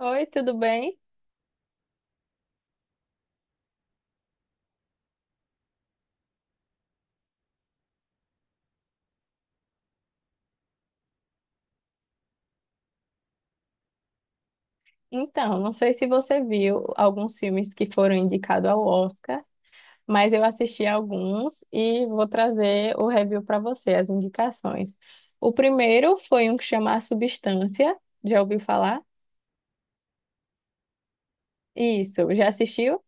Oi, tudo bem? Então, não sei se você viu alguns filmes que foram indicados ao Oscar, mas eu assisti alguns e vou trazer o review para você, as indicações. O primeiro foi um que chama A Substância, já ouviu falar? Isso, já assistiu?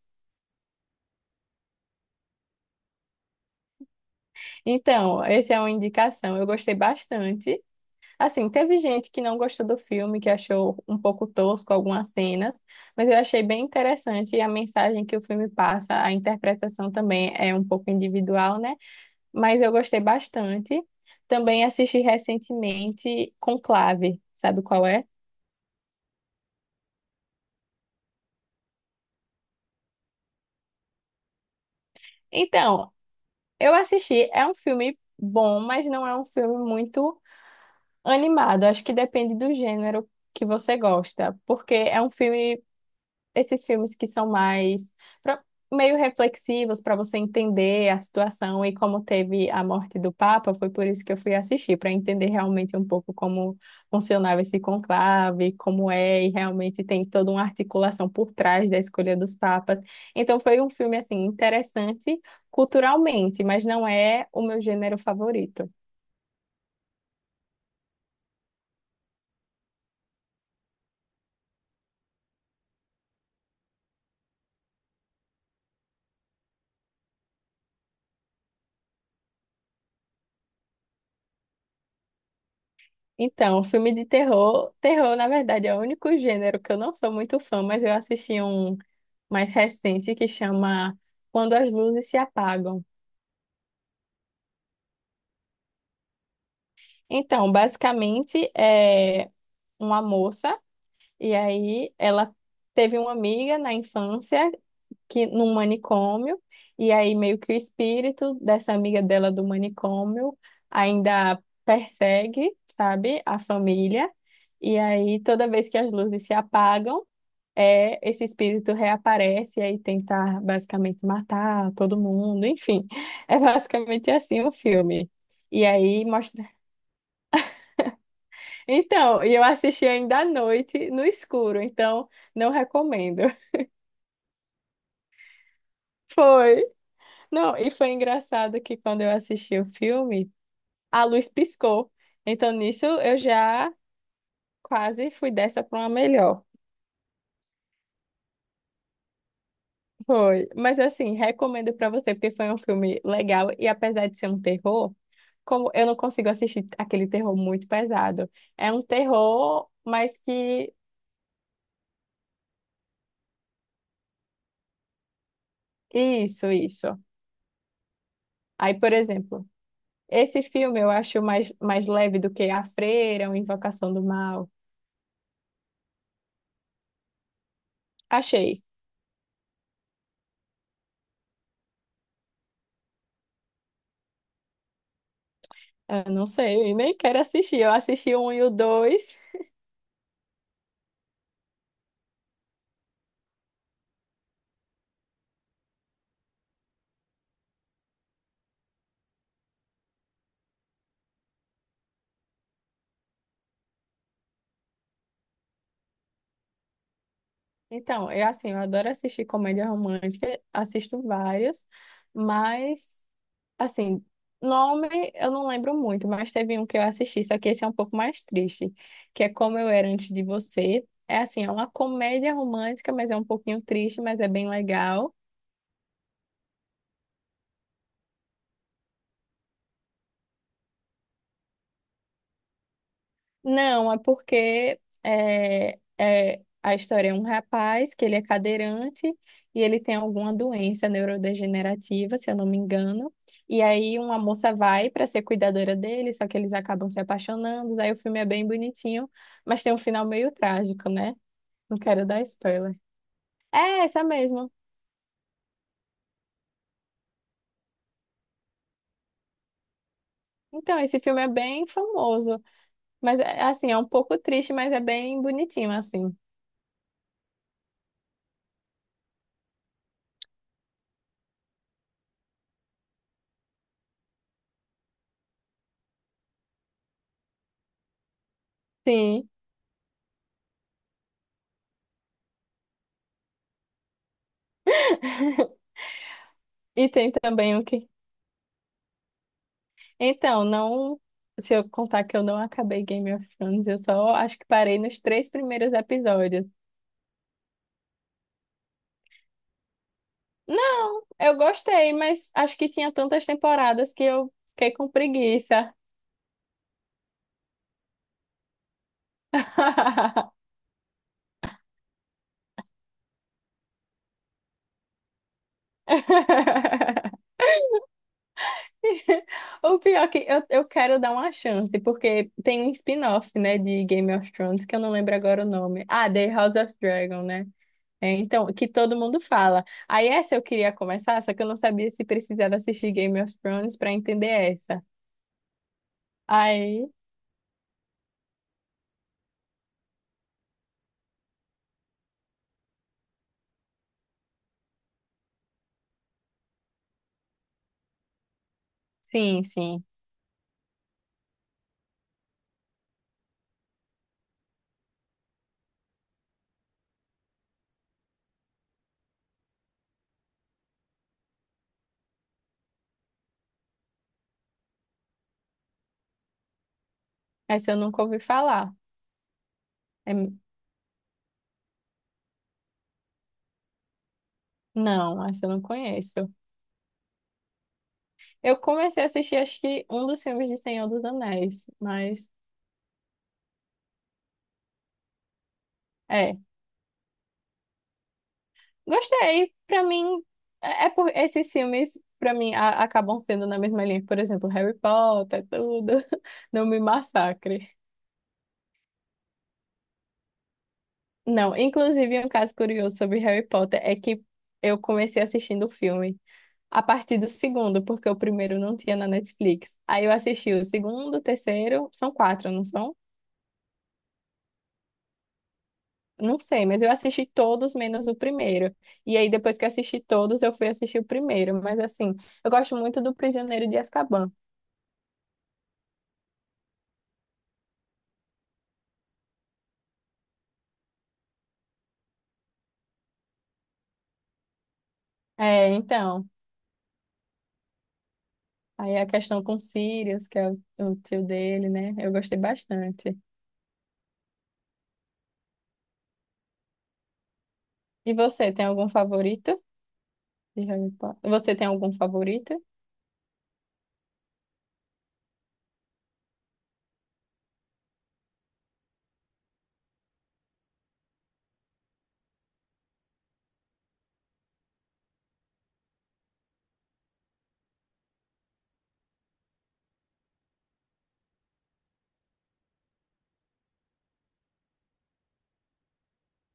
Então, essa é uma indicação, eu gostei bastante. Assim, teve gente que não gostou do filme, que achou um pouco tosco algumas cenas, mas eu achei bem interessante e a mensagem que o filme passa, a interpretação também é um pouco individual, né? Mas eu gostei bastante. Também assisti recentemente Conclave, sabe qual é? Então, eu assisti, é um filme bom, mas não é um filme muito animado. Acho que depende do gênero que você gosta, porque é um filme esses filmes que são mais pra- meio reflexivos para você entender a situação e como teve a morte do Papa, foi por isso que eu fui assistir, para entender realmente um pouco como funcionava esse conclave, como é, e realmente tem toda uma articulação por trás da escolha dos papas. Então foi um filme assim interessante culturalmente, mas não é o meu gênero favorito. Então, filme de terror, terror, na verdade, é o único gênero que eu não sou muito fã, mas eu assisti um mais recente que chama Quando as Luzes Se Apagam. Então, basicamente é uma moça e aí ela teve uma amiga na infância que num manicômio e aí meio que o espírito dessa amiga dela do manicômio ainda persegue, sabe, a família. E aí toda vez que as luzes se apagam esse espírito reaparece e aí tentar basicamente matar todo mundo, enfim. É basicamente assim o filme. E aí mostra. Então, e eu assisti ainda à noite no escuro, então não recomendo. Foi. Não, e foi engraçado que quando eu assisti o filme, a luz piscou. Então nisso eu já quase fui dessa para uma melhor. Foi. Mas assim, recomendo para você porque foi um filme legal e apesar de ser um terror como eu não consigo assistir aquele terror muito pesado. É um terror, mas que. Isso, isso. Aí, por exemplo, esse filme eu acho mais leve do que A Freira, ou Invocação do Mal. Achei. Eu não sei, nem quero assistir. Eu assisti o um e o dois. Então, eu assim, eu adoro assistir comédia romântica, assisto vários, mas. Assim, nome eu não lembro muito, mas teve um que eu assisti, só que esse é um pouco mais triste, que é Como Eu Era Antes de Você. É assim, é uma comédia romântica, mas é um pouquinho triste, mas é bem legal. Não, é porque a história é um rapaz que ele é cadeirante e ele tem alguma doença neurodegenerativa, se eu não me engano. E aí uma moça vai para ser cuidadora dele, só que eles acabam se apaixonando. Aí o filme é bem bonitinho, mas tem um final meio trágico, né? Não quero dar spoiler. É essa mesmo. Então, esse filme é bem famoso, mas é, assim, é um pouco triste, mas é bem bonitinho assim. Sim. E tem também o que Então, não se eu contar que eu não acabei Game of Thrones, eu só acho que parei nos três primeiros episódios. Não, eu gostei, mas acho que tinha tantas temporadas que eu fiquei com preguiça. O pior é que eu quero dar uma chance, porque tem um spin-off, né, de Game of Thrones, que eu não lembro agora o nome. Ah, The House of Dragon, né? É, então, que todo mundo fala. Aí essa eu queria começar, só que eu não sabia se precisava assistir Game of Thrones pra entender essa. Aí, sim, sim. Essa eu nunca ouvi falar. É, não, essa eu não conheço. Eu comecei a assistir, acho que um dos filmes de Senhor dos Anéis, mas. É, gostei. Pra mim, é por esses filmes, pra mim, acabam sendo na mesma linha. Por exemplo, Harry Potter, tudo. Não me massacre. Não, inclusive, um caso curioso sobre Harry Potter é que eu comecei assistindo o filme a partir do segundo, porque o primeiro não tinha na Netflix. Aí eu assisti o segundo, o terceiro, são quatro, não são? Não sei, mas eu assisti todos menos o primeiro. E aí, depois que eu assisti todos, eu fui assistir o primeiro. Mas assim, eu gosto muito do Prisioneiro de Azkaban. É, então. Aí a questão com Sirius, que é o tio dele, né? Eu gostei bastante. E você, tem algum favorito de Harry Potter? Você tem algum favorito?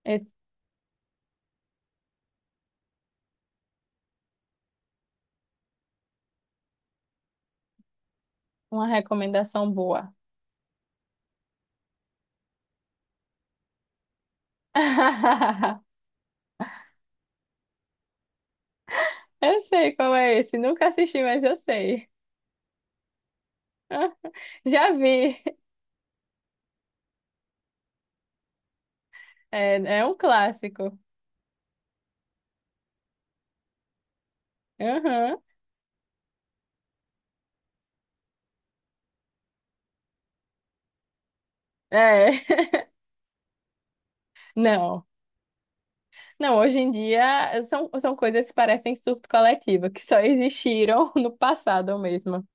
Esse- uma recomendação boa. Eu sei qual é esse. Nunca assisti, mas eu sei. Já vi. É, é um clássico. Aham. É. Não. Não, hoje em dia são, coisas que parecem surto coletivo, que só existiram no passado mesmo.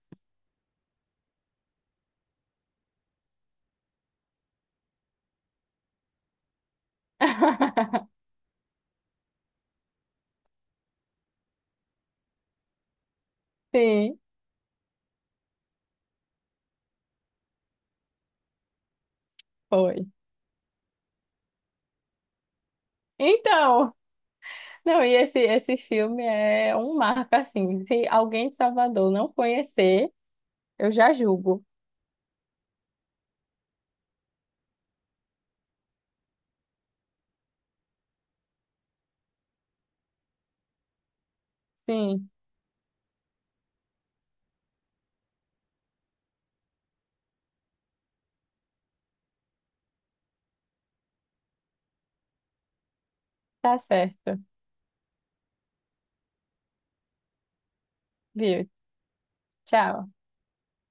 Sim, foi. Então. Não, e esse filme é um marco, assim. Se alguém de Salvador não conhecer, eu já julgo. Sim, tá certo. Viu? Tchau.